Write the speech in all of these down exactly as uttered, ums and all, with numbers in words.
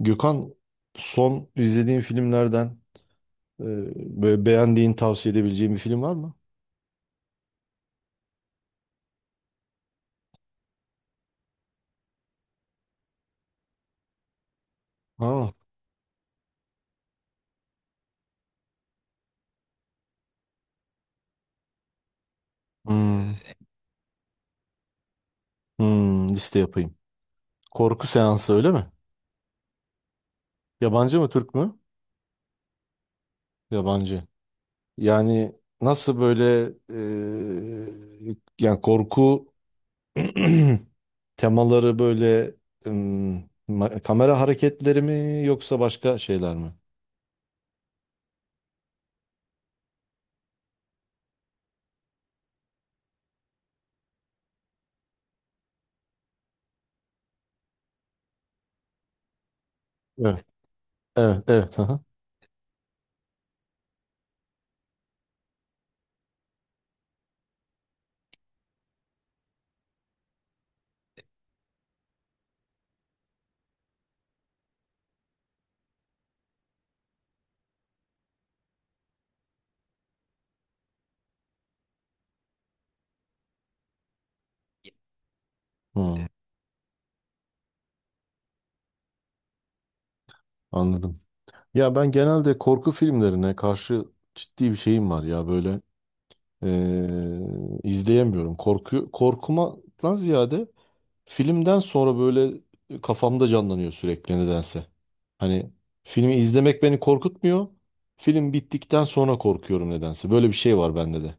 Gökhan, son izlediğin filmlerden e, böyle beğendiğin tavsiye edebileceğin bir film var mı? Ha. Hmm. hmm, liste yapayım. Korku seansı öyle mi? Yabancı mı Türk mü? Yabancı. Yani nasıl böyle, e, yani korku temaları böyle, hmm, ma- kamera hareketleri mi yoksa başka şeyler mi? Evet. Evet, evet. Aha. Hmm, anladım. Ya ben genelde korku filmlerine karşı ciddi bir şeyim var ya böyle, eee, izleyemiyorum. Korku korkumadan ziyade filmden sonra böyle kafamda canlanıyor sürekli nedense. Hani filmi izlemek beni korkutmuyor. Film bittikten sonra korkuyorum nedense. Böyle bir şey var bende de.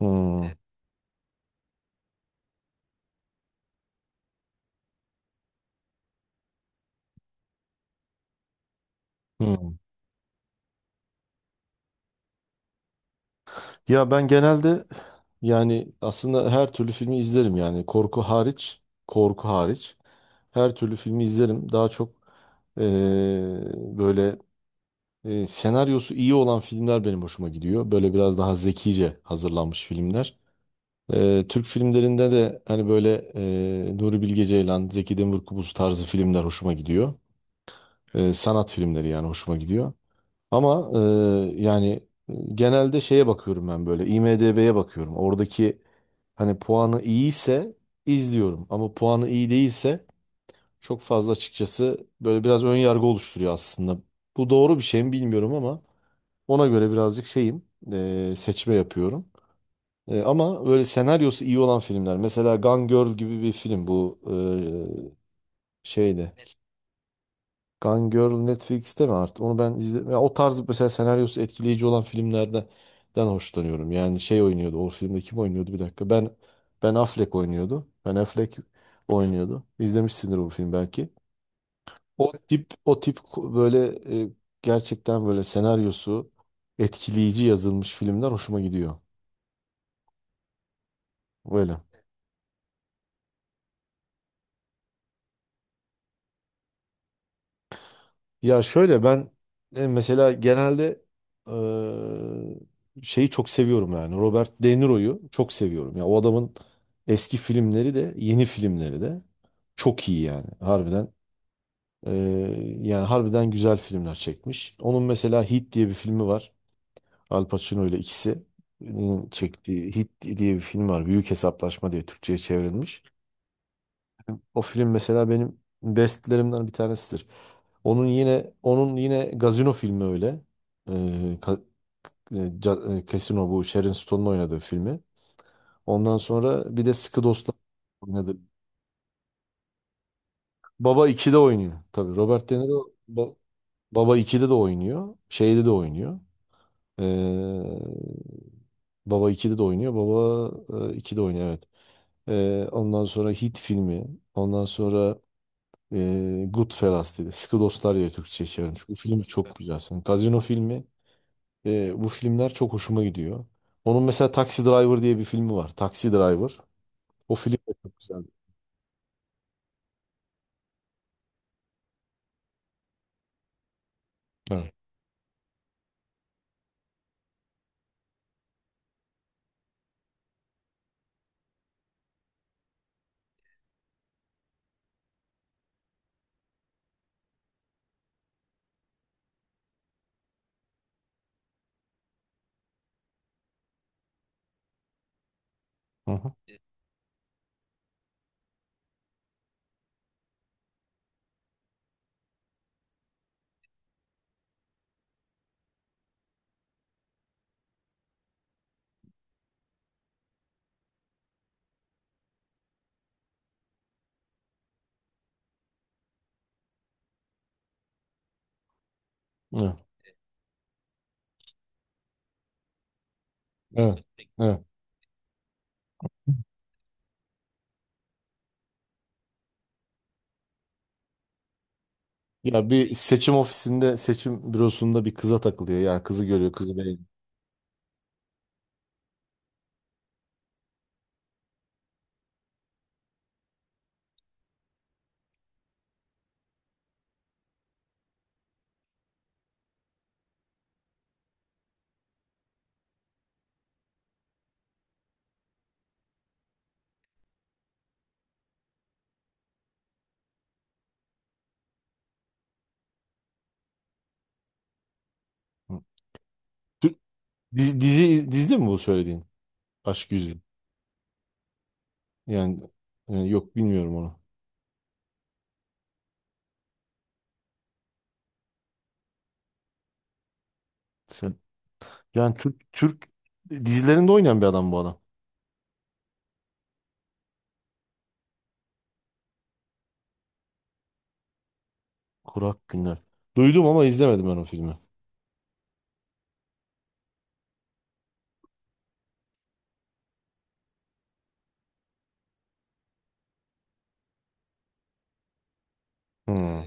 Hmm. hmm. Ya ben genelde, yani aslında her türlü filmi izlerim yani, korku hariç, korku hariç her türlü filmi izlerim. Daha çok eee, böyle, eee, senaryosu iyi olan filmler benim hoşuma gidiyor. Böyle biraz daha zekice hazırlanmış filmler. Eee, Türk filmlerinde de hani böyle eee Nuri Bilge Ceylan, Zeki Demirkubuz tarzı filmler hoşuma gidiyor. Eee, sanat filmleri yani hoşuma gidiyor. Ama e, yani genelde şeye bakıyorum, ben böyle IMDb'ye bakıyorum. Oradaki hani puanı iyiyse izliyorum, ama puanı iyi değilse çok fazla açıkçası böyle biraz ön yargı oluşturuyor aslında. Bu doğru bir şey mi bilmiyorum, ama ona göre birazcık şeyim, e, seçme yapıyorum. E, ama böyle senaryosu iyi olan filmler, mesela Gone Girl gibi bir film bu e, şeyde. Gone Girl Netflix'te mi artık? Onu ben izledim. O tarz mesela senaryosu etkileyici olan filmlerden den hoşlanıyorum. Yani şey oynuyordu. O filmde kim oynuyordu? Bir dakika. Ben Ben Affleck oynuyordu. Ben Affleck oynuyordu. İzlemişsindir bu film belki. O tip o tip, ko- böyle, e, gerçekten böyle senaryosu etkileyici yazılmış filmler hoşuma gidiyor. Böyle. Ya şöyle ben, e, mesela genelde, e, şeyi çok seviyorum, yani Robert De Niro'yu çok seviyorum. Ya o adamın eski filmleri de yeni filmleri de çok iyi yani harbiden. e, yani harbiden güzel filmler çekmiş. Onun mesela Hit diye bir filmi var. Al Pacino ile ikisinin çektiği Hit diye bir film var. Büyük Hesaplaşma diye Türkçe'ye çevrilmiş. O film mesela benim bestlerimden bir tanesidir. Onun yine onun yine Gazino filmi öyle. Ee, ka- e, ca- e, Casino, bu Sharon Stone'un oynadığı filmi. Ondan sonra bir de Sıkı Dostlar oynadı. Baba ikide oynuyor. Tabii Robert De Niro ba- Baba ikide de oynuyor. Şeyde de oynuyor. Ee, Baba ikide de oynuyor. Baba e, ikide oynuyor evet. Ee, ondan sonra Hit filmi. Ondan sonra E, Goodfellas dedi. Sıkı Dostlar diye Türkçe çevirmiş. Bu film çok güzel. Sen Gazino filmi. e, bu filmler çok hoşuma gidiyor. Onun mesela Taxi Driver diye bir filmi var. Taxi Driver. O film de çok güzel. Evet. Hı. Evet. Evet. Evet. Ya bir seçim ofisinde, seçim bürosunda bir kıza takılıyor. Ya kızı görüyor, kızı beğeniyor. Hı. Tü- Dizi, dizi, dizi mi bu söylediğin? Aşk Yüzü. Yani, e, yok bilmiyorum onu. Sen, yani Türk Türk dizilerinde oynayan bir adam bu adam. Kurak Günler. Duydum ama izlemedim ben o filmi. Hmm.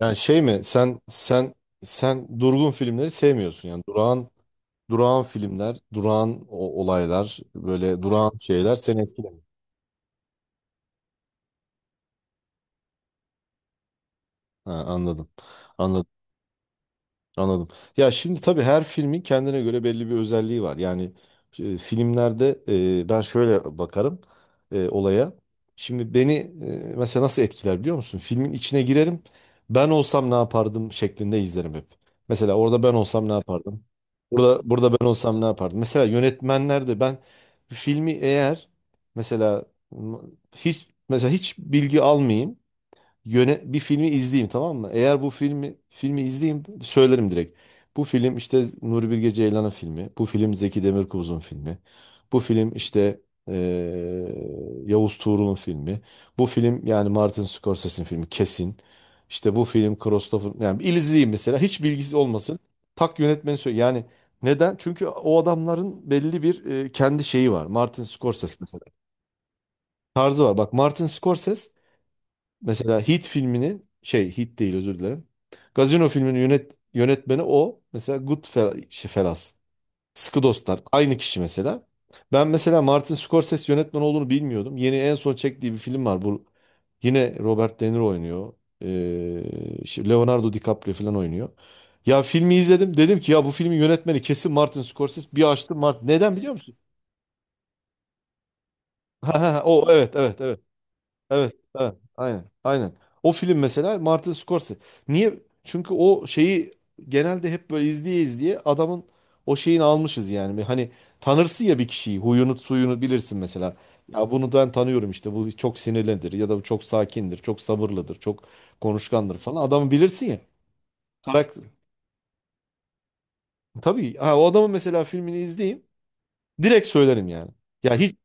Yani şey mi, sen sen sen durgun filmleri sevmiyorsun, yani durağan, durağan filmler, durağan o- olaylar, böyle durağan şeyler seni etkilemiyor. Ha, anladım. Anladım. Anladım. Ya şimdi tabii her filmin kendine göre belli bir özelliği var. Yani, e, filmlerde, e, ben şöyle bakarım e, olaya. Şimdi beni, e, mesela nasıl etkiler biliyor musun? Filmin içine girerim. Ben olsam ne yapardım şeklinde izlerim hep. Mesela orada ben olsam ne yapardım? Burada burada ben olsam ne yapardım? Mesela yönetmenler de, ben filmi eğer mesela, m- hiç mesela hiç bilgi almayayım, yöne bir filmi izleyeyim tamam mı? Eğer bu filmi, filmi izleyeyim söylerim direkt. Bu film işte Nuri Bilge Ceylan'ın filmi. Bu film Zeki Demirkubuz'un filmi. Bu film işte eee, Yavuz Tuğrul'un filmi. Bu film yani Martin Scorsese'nin filmi kesin. İşte bu film Christopher, yani bir izleyeyim mesela hiç bilgisi olmasın. Tak yönetmeni söyle. Yani neden? Çünkü o adamların belli bir e, kendi şeyi var. Martin Scorsese mesela. Tarzı var. Bak Martin Scorsese, mesela Heat filminin şey, Heat değil, özür dilerim. Gazino filminin yönet, yönetmeni o. Mesela Goodfellas. Sıkı Dostlar. Aynı kişi mesela. Ben mesela Martin Scorsese yönetmen olduğunu bilmiyordum. Yeni en son çektiği bir film var. Bu, yine Robert De Niro oynuyor. Ee, şey, Leonardo DiCaprio falan oynuyor. Ya filmi izledim. Dedim ki ya bu filmin yönetmeni kesin Martin Scorsese. Bir açtım Martin. Neden biliyor musun? Ha, ha, ha, o evet, evet, evet. Evet, evet, aynen, aynen. O film mesela Martin Scorsese. Niye? Çünkü o şeyi genelde hep böyle izleye izleye adamın o şeyini almışız yani. Bir. Hani tanırsın ya bir kişiyi, huyunu suyunu bilirsin mesela. Ya bunu ben tanıyorum işte, bu çok sinirlidir ya da bu çok sakindir, çok sabırlıdır, çok konuşkandır falan. Adamı bilirsin ya. Karakter. Tabii ha, o adamın mesela filmini izleyeyim direkt söylerim yani. Ya hiç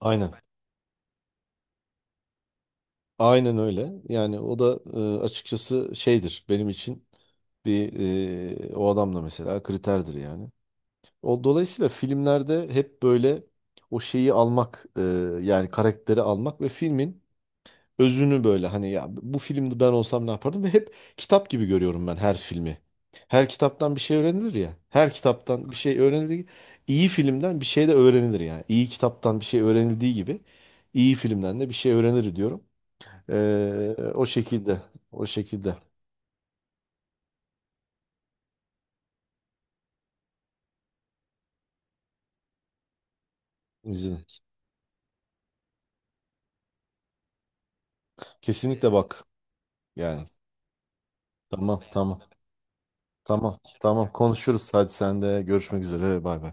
aynen. Aynen öyle. Yani o da e, açıkçası şeydir benim için, bir, e, o adam da mesela kriterdir yani. O dolayısıyla filmlerde hep böyle o şeyi almak, e, yani karakteri almak ve filmin özünü böyle, hani ya bu filmde ben olsam ne yapardım, ve hep kitap gibi görüyorum ben her filmi. Her kitaptan bir şey öğrenilir ya. Her kitaptan bir şey öğrenilir. İyi filmden bir şey de öğrenilir yani. İyi kitaptan bir şey öğrenildiği gibi iyi filmden de bir şey öğrenir diyorum. Ee, o şekilde. O şekilde. İzin. Kesinlikle bak. Yani. Tamam, tamam. Tamam, tamam. Konuşuruz. Hadi sen de görüşmek üzere. Bay bay.